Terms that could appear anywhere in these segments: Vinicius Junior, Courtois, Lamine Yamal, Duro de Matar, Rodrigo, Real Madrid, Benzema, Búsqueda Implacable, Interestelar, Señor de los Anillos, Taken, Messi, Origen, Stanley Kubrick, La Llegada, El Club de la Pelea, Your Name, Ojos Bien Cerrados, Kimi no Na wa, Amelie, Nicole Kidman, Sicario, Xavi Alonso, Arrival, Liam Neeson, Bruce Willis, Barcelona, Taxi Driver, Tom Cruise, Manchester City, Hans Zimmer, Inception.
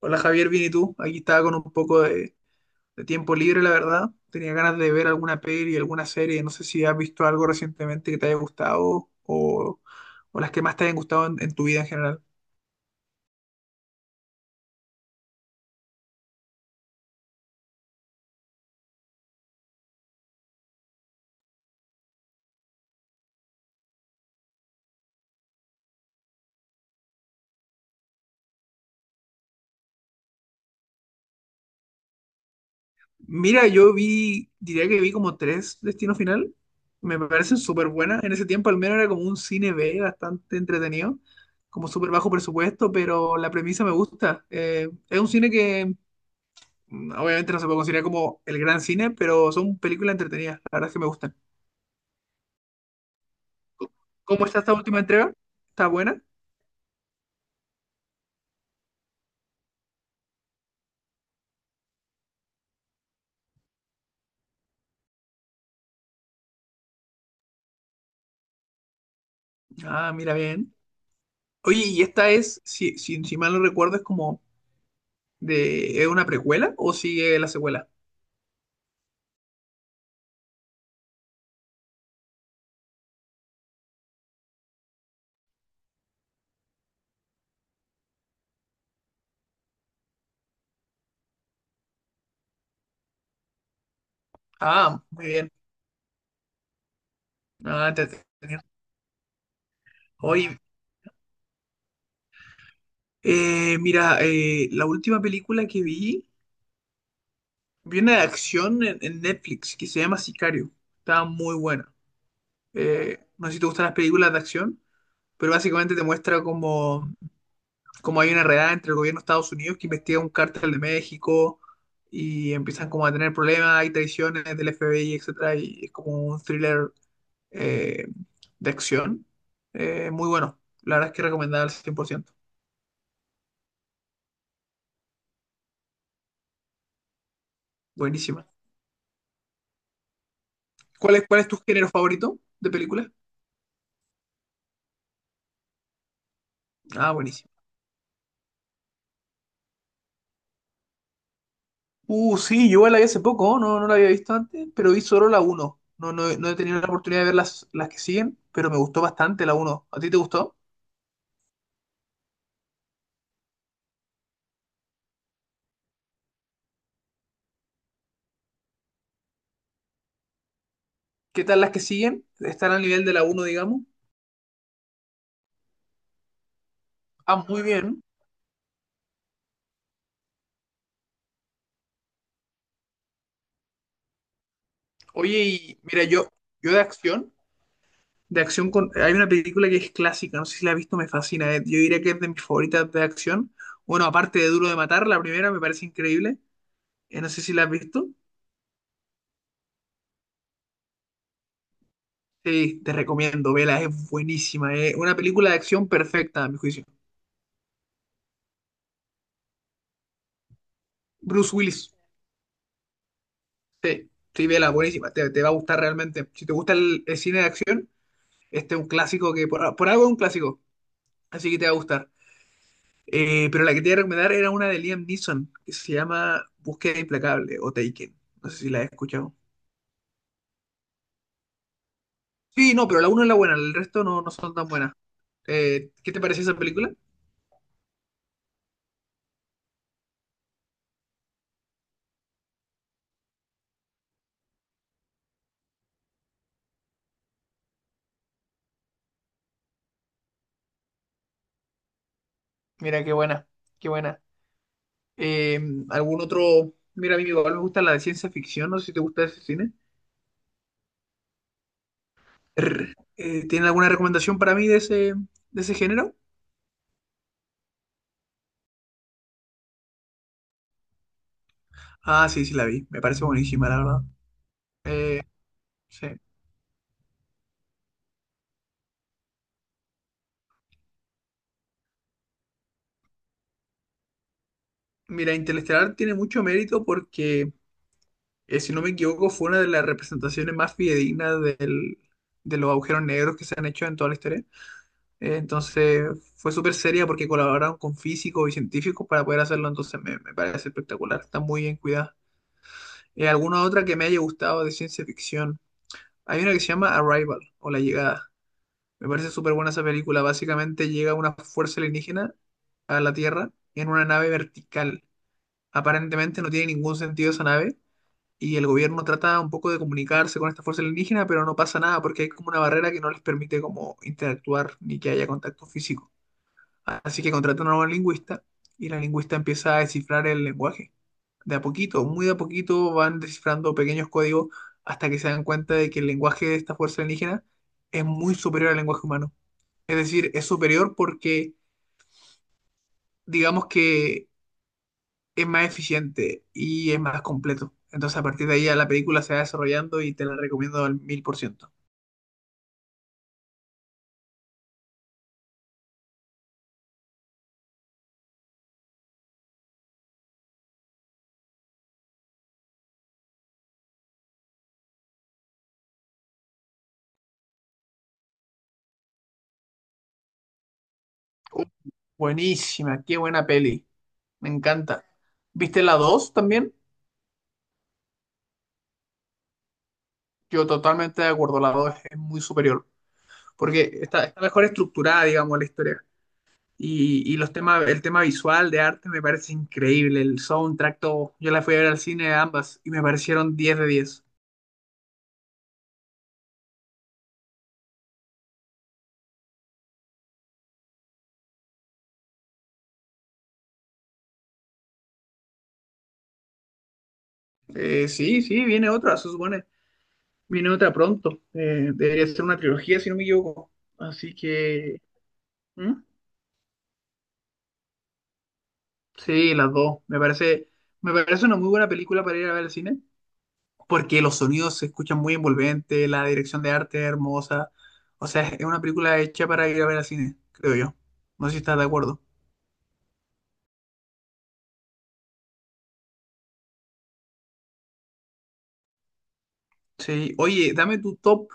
Hola Javier, bien y tú. Aquí estaba con un poco de tiempo libre, la verdad. Tenía ganas de ver alguna peli, alguna serie. No sé si has visto algo recientemente que te haya gustado o las que más te hayan gustado en tu vida en general. Mira, yo vi, diría que vi como tres Destino Final. Me parecen súper buenas. En ese tiempo al menos era como un cine B bastante entretenido, como súper bajo presupuesto, pero la premisa me gusta. Es un cine que obviamente no se puede considerar como el gran cine, pero son películas entretenidas. La verdad es que me gustan. ¿Cómo está esta última entrega? ¿Está buena? Ah, mira bien. Oye, y esta es, si mal no recuerdo, es como de, ¿es una precuela o sigue la secuela? Ah, muy bien. Ah, oye, mira, la última película vi una de acción en Netflix que se llama Sicario. Estaba muy buena. No sé si te gustan las películas de acción, pero básicamente te muestra como hay una redada entre el gobierno de Estados Unidos que investiga un cártel de México y empiezan como a tener problemas, hay traiciones del FBI, etcétera, y es como un thriller eh, de acción. Muy bueno, la verdad es que recomendada al 100%. Buenísima. Cuál es tu género favorito de película? Ah, buenísimo. Sí, yo igual la vi hace poco, no, no la había visto antes, pero vi solo la uno. No, no, no he tenido la oportunidad de ver las que siguen, pero me gustó bastante la uno. ¿A ti te gustó? ¿Qué tal las que siguen? ¿Están al nivel de la uno digamos? Ah, muy bien. Oye, y mira, yo de acción con, hay una película que es clásica, no sé si la has visto, me fascina. Yo diría que es de mis favoritas de acción. Bueno, aparte de Duro de Matar, la primera me parece increíble. No sé si la has visto. Sí, te recomiendo, vela, es buenísima. Es una película de acción perfecta, a mi juicio. Bruce Willis, sí, sí, vela, buenísima. Te va a gustar realmente. Si te gusta el cine de acción, este es un clásico que, por algo es un clásico, así que te va a gustar. Pero la que te iba a recomendar era una de Liam Neeson, que se llama Búsqueda Implacable o Taken. No sé si la has escuchado. Sí, no, pero la una es la buena, el resto no, no son tan buenas. ¿Qué te parece esa película? Mira, qué buena, qué buena. Eh, ¿Algún otro? Mira, a mí igual me gusta la de ciencia ficción, no sé si te gusta ese cine. Rr. ¿Tienen alguna recomendación para mí de de ese género? Ah, sí, sí la vi, me parece buenísima, la verdad. Eh, sí. Mira, Interestelar tiene mucho mérito porque si no me equivoco, fue una de las representaciones más fidedignas de los agujeros negros que se han hecho en toda la historia. Entonces, fue súper seria porque colaboraron con físicos y científicos para poder hacerlo. Entonces, me parece espectacular. Está muy bien cuidada. ¿Alguna otra que me haya gustado de ciencia ficción? Hay una que se llama Arrival o La Llegada. Me parece súper buena esa película. Básicamente llega una fuerza alienígena a la Tierra en una nave vertical. Aparentemente no tiene ningún sentido esa nave y el gobierno trata un poco de comunicarse con esta fuerza alienígena, pero no pasa nada porque hay como una barrera que no les permite como interactuar ni que haya contacto físico. Así que contratan a un lingüista y la lingüista empieza a descifrar el lenguaje. De a poquito, muy de a poquito van descifrando pequeños códigos hasta que se dan cuenta de que el lenguaje de esta fuerza alienígena es muy superior al lenguaje humano. Es decir, es superior porque digamos que es más eficiente y es más completo. Entonces, a partir de ahí, ya la película se va desarrollando y te la recomiendo al mil por ciento. Uh, Buenísima, qué buena peli. Me encanta. ¿Viste la 2 también? Yo totalmente de acuerdo, la 2 es muy superior. Porque está mejor estructurada, digamos, la historia. Y los temas, el tema visual de arte me parece increíble. El soundtrack, todo. Yo la fui a ver al cine ambas y me parecieron 10 de diez. Sí, sí, viene otra, se supone. Viene otra pronto. Debería ser una trilogía, si no me equivoco. Así que. ¿Mm? Sí, las dos. Me parece una muy buena película para ir a ver al cine. Porque los sonidos se escuchan muy envolventes, la dirección de arte es hermosa. O sea, es una película hecha para ir a ver al cine, creo yo. No sé si estás de acuerdo. Sí. Oye, dame tu top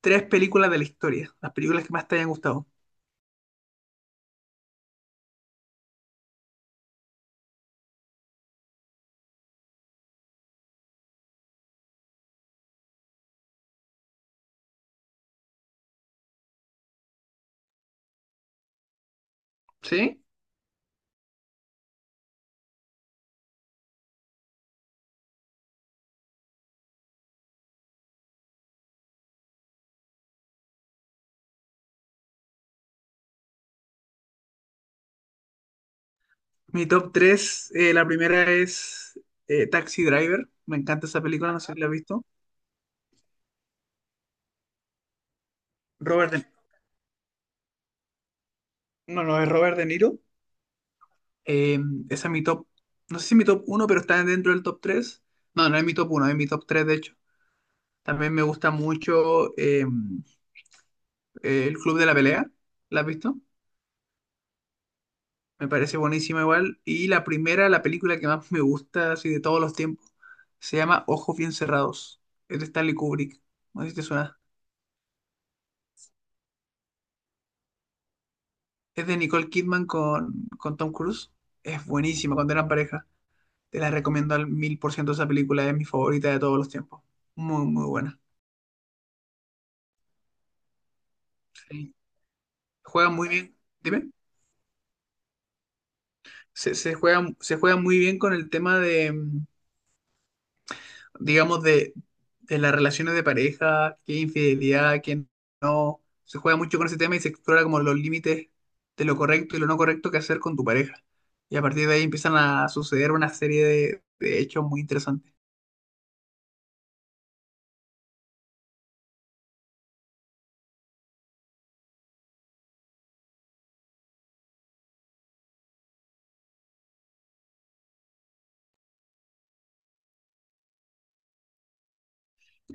tres películas de la historia. Las películas que más te hayan gustado. ¿Sí? Mi top tres, la primera es Taxi Driver. Me encanta esa película, no sé si la has visto. Robert. No, no, es Robert De Niro. Eh, Esa es mi top. No sé si mi top uno pero está dentro del top tres. No, no es mi top uno, es mi top 3 de hecho. También me gusta mucho El Club de la Pelea. ¿La has visto? Me parece buenísima igual. Y la primera, la película que más me gusta, así de todos los tiempos, se llama Ojos Bien Cerrados. Es de Stanley Kubrick. No sé si te suena. Es de Nicole Kidman con Tom Cruise. Es buenísima cuando eran pareja. Te la recomiendo al mil por ciento esa película, es mi favorita de todos los tiempos. Muy, muy buena. Sí. Juega muy bien. Dime. Se juega muy bien con el tema de, digamos, de las relaciones de pareja, qué infidelidad, qué no. Se juega mucho con ese tema y se explora como los límites de lo correcto y lo no correcto que hacer con tu pareja. Y a partir de ahí empiezan a suceder una serie de hechos muy interesantes.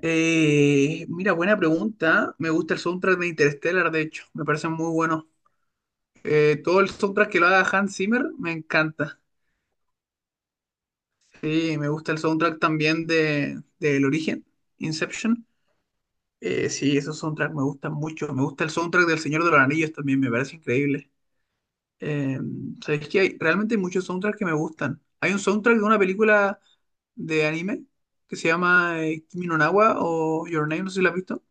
Mira, buena pregunta. Me gusta el soundtrack de Interstellar, de hecho. Me parece muy bueno. Todo el soundtrack que lo haga Hans Zimmer me encanta. Sí, me gusta el soundtrack también del Origen, Inception. Sí, esos soundtracks me gustan mucho. Me gusta el soundtrack del Señor de los Anillos también, me parece increíble. Eh, ¿Sabes qué? Hay, realmente hay muchos soundtracks que me gustan. Hay un soundtrack de una película de anime que se llama Kimi no Na wa o Your Name, no sé si la has visto.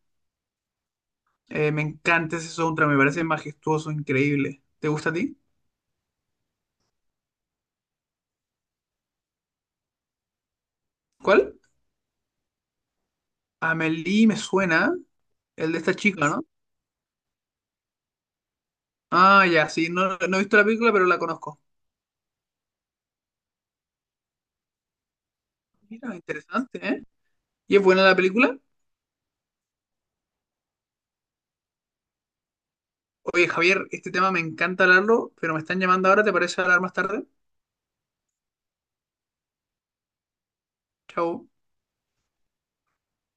Me encanta ese soundtrack, me parece majestuoso, increíble. ¿Te gusta a ti? ¿Cuál? Amelie me suena, el de esta chica, no. Ah, ya, sí, no, no he visto la película, pero la conozco. Mira, interesante, ¿eh? ¿Y es buena la película? Oye, Javier, este tema me encanta hablarlo, pero me están llamando ahora, ¿te parece hablar más tarde? Chao.